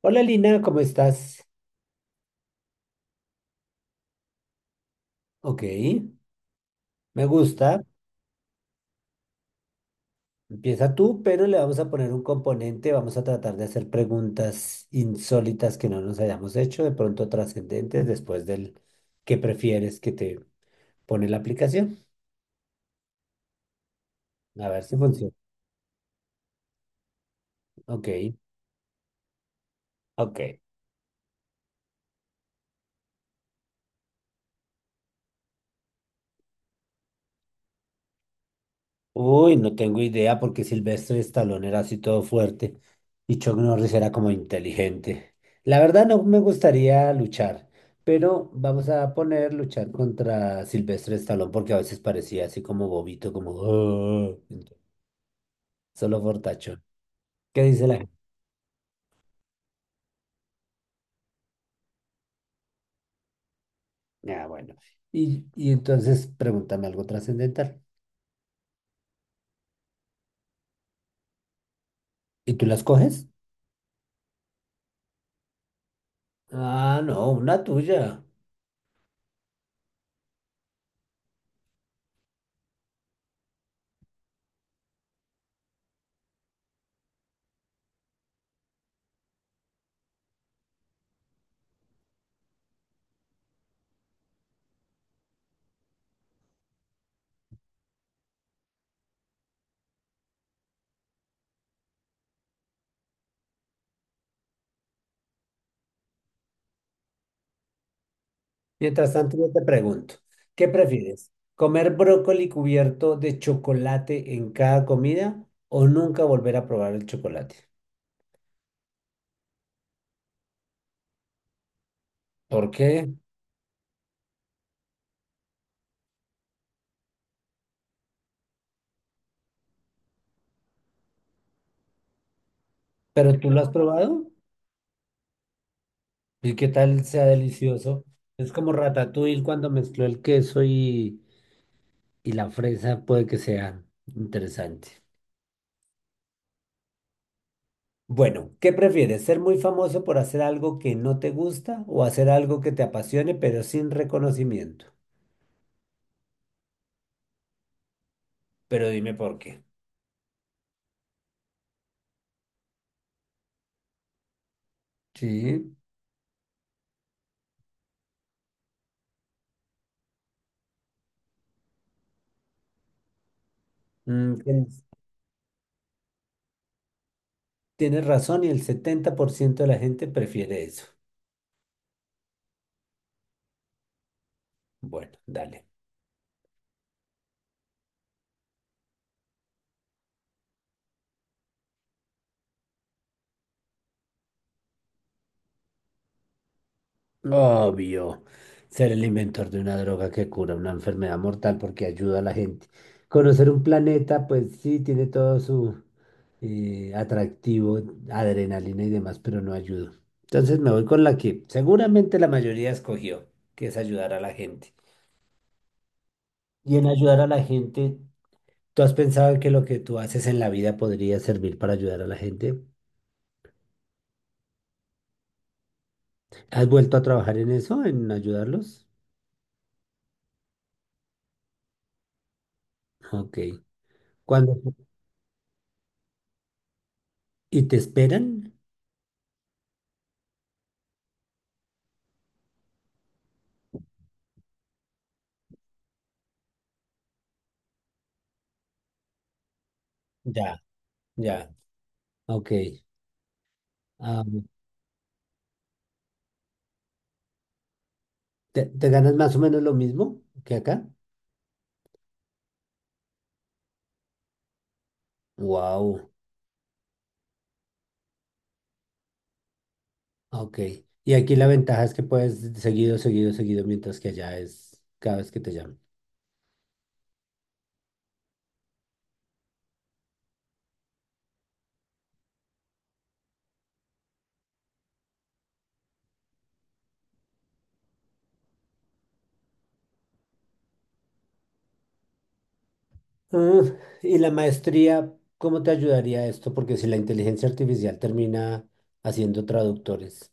Hola Lina, ¿cómo estás? Ok, me gusta. Empieza tú, pero le vamos a poner un componente. Vamos a tratar de hacer preguntas insólitas que no nos hayamos hecho, de pronto trascendentes, después del que prefieres que te pone la aplicación. A ver si funciona. Ok, ok. Uy, no tengo idea porque Silvestre Stallone era así todo fuerte y Chuck Norris era como inteligente. La verdad no me gustaría luchar, pero vamos a poner luchar contra Silvestre Stallone porque a veces parecía así como bobito, como "Oh", solo fortachón. ¿Qué dice la gente? Ah, bueno. Y entonces pregúntame algo trascendental. ¿Y tú las coges? Ah, no, una tuya. Mientras tanto, yo te pregunto, ¿qué prefieres? ¿Comer brócoli cubierto de chocolate en cada comida o nunca volver a probar el chocolate? ¿Por qué? ¿Pero tú lo has probado? ¿Y qué tal sea delicioso? Es como ratatouille cuando mezcló el queso y la fresa, puede que sea interesante. Bueno, ¿qué prefieres? ¿Ser muy famoso por hacer algo que no te gusta o hacer algo que te apasione pero sin reconocimiento? Pero dime por qué. Sí. Mm, que- Tienes razón y el 70% de la gente prefiere eso. Bueno, dale. Obvio, ser el inventor de una droga que cura una enfermedad mortal porque ayuda a la gente. Conocer un planeta, pues sí, tiene todo su atractivo, adrenalina y demás, pero no ayuda. Entonces me voy con la que seguramente la mayoría escogió, que es ayudar a la gente. Y en ayudar a la gente, ¿tú has pensado que lo que tú haces en la vida podría servir para ayudar a la gente? ¿Has vuelto a trabajar en eso, en ayudarlos? Ok. ¿Cuándo? ¿Y te esperan? Ya, ya. Ok. Ah, ¿te ganas más o menos lo mismo que acá? Wow. Ok. Y aquí la ventaja es que puedes seguido, seguido, seguido, mientras que allá es cada vez que te llaman. Ah, y la maestría, ¿cómo te ayudaría esto? Porque si la inteligencia artificial termina haciendo traductores.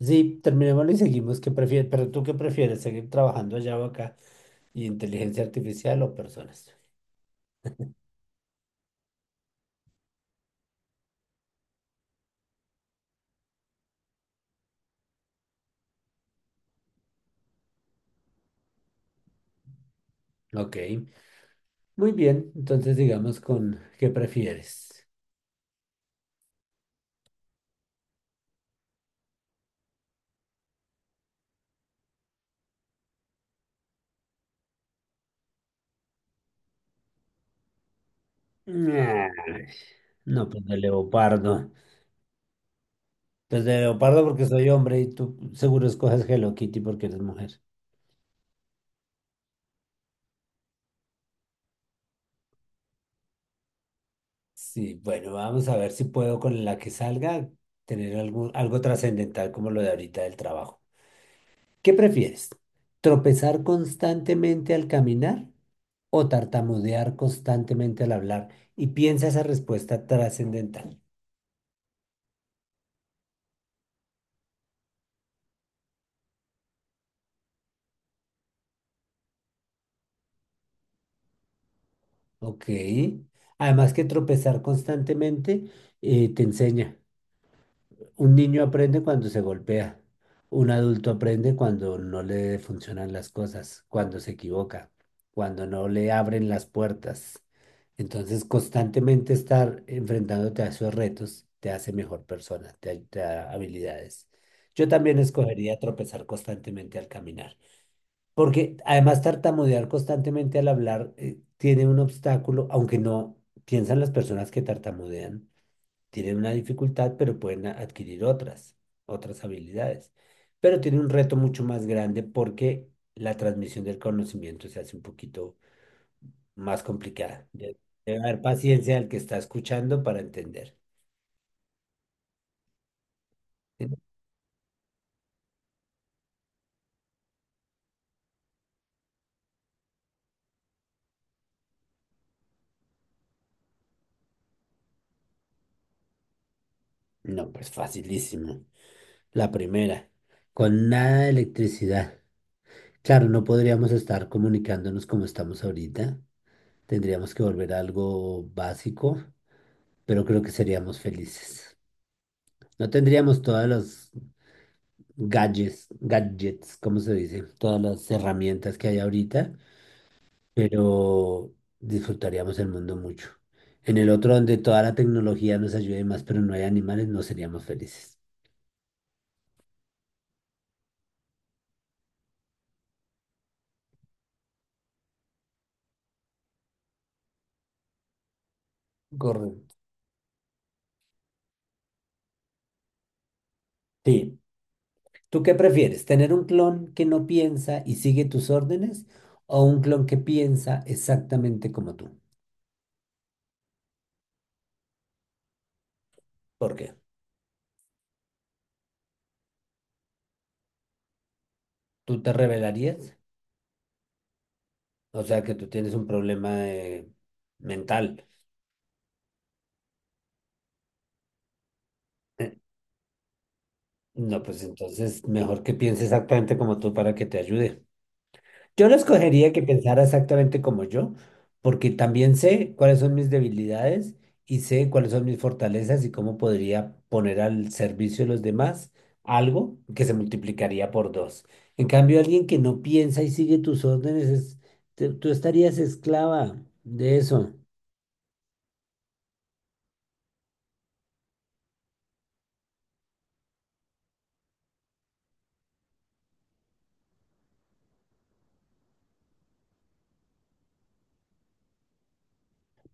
Sí, terminémoslo y seguimos. ¿Qué prefieres? Pero tú qué prefieres, ¿seguir trabajando allá o acá? ¿Y inteligencia artificial o personas? Ok, muy bien. Entonces digamos con ¿qué prefieres? Nah, no, pues de leopardo. Pues de leopardo porque soy hombre y tú seguro escoges Hello Kitty porque eres mujer. Sí, bueno, vamos a ver si puedo con la que salga tener algo, algo trascendental como lo de ahorita del trabajo. ¿Qué prefieres? ¿Tropezar constantemente al caminar o tartamudear constantemente al hablar? Y piensa esa respuesta trascendental. Ok. Además que tropezar constantemente te enseña. Un niño aprende cuando se golpea. Un adulto aprende cuando no le funcionan las cosas, cuando se equivoca, cuando no le abren las puertas. Entonces, constantemente estar enfrentándote a esos retos te hace mejor persona, te da habilidades. Yo también escogería tropezar constantemente al caminar. Porque además tartamudear constantemente al hablar tiene un obstáculo, aunque no piensan las personas que tartamudean, tienen una dificultad, pero pueden adquirir otras habilidades. Pero tiene un reto mucho más grande porque la transmisión del conocimiento se hace un poquito más complicada. Debe haber paciencia al que está escuchando para entender. ¿Sí? No, pues facilísimo. La primera, con nada de electricidad. Claro, no podríamos estar comunicándonos como estamos ahorita. Tendríamos que volver a algo básico, pero creo que seríamos felices. No tendríamos todas las gadgets, ¿cómo se dice? Todas las herramientas que hay ahorita, pero disfrutaríamos el mundo mucho. En el otro, donde toda la tecnología nos ayude más, pero no hay animales, no seríamos felices. Correcto. Sí. ¿Tú qué prefieres? ¿Tener un clon que no piensa y sigue tus órdenes o un clon que piensa exactamente como tú? ¿Por qué? ¿Tú te rebelarías? O sea, que tú tienes un problema mental. Eh, No, pues entonces mejor que piense exactamente como tú para que te ayude. Yo lo escogería que pensara exactamente como yo, porque también sé cuáles son mis debilidades y sé cuáles son mis fortalezas y cómo podría poner al servicio de los demás algo que se multiplicaría por 2. En cambio, alguien que no piensa y sigue tus órdenes, tú estarías esclava de eso.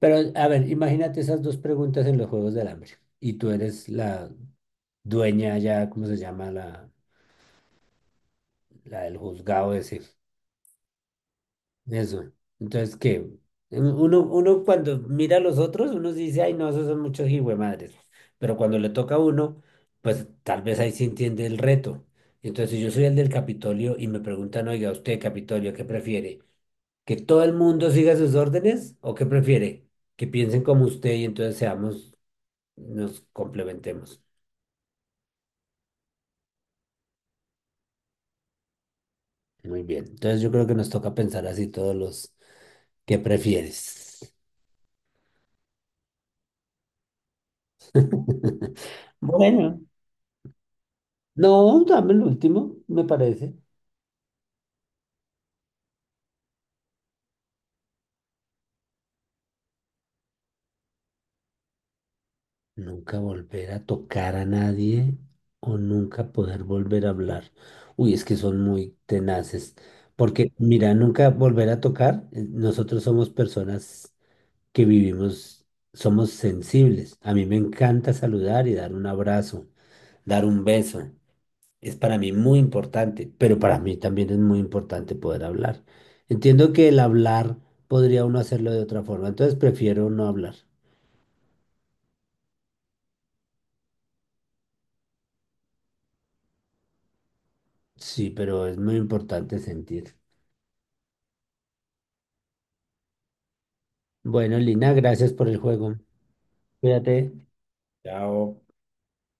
Pero, a ver, imagínate esas dos preguntas en los Juegos del Hambre y tú eres la dueña ya, ¿cómo se llama? La del juzgado ese. Eso. Entonces, ¿qué? Uno cuando mira a los otros, uno sí dice, ay, no, esos son muchos hijuemadres. Pero cuando le toca a uno, pues tal vez ahí se entiende el reto. Entonces, si yo soy el del Capitolio y me preguntan, oiga, usted, Capitolio, ¿qué prefiere? ¿Que todo el mundo siga sus órdenes o qué prefiere? Que piensen como usted y entonces seamos, nos complementemos. Muy bien. Entonces, yo creo que nos toca pensar así todos los, ¿qué prefieres? Bueno. No, dame el último, me parece. Nunca volver a tocar a nadie o nunca poder volver a hablar. Uy, es que son muy tenaces. Porque, mira, nunca volver a tocar, nosotros somos personas que vivimos, somos sensibles. A mí me encanta saludar y dar un abrazo, dar un beso. Es para mí muy importante, pero para mí también es muy importante poder hablar. Entiendo que el hablar podría uno hacerlo de otra forma, entonces prefiero no hablar. Sí, pero es muy importante sentir. Bueno, Lina, gracias por el juego. Cuídate. Chao.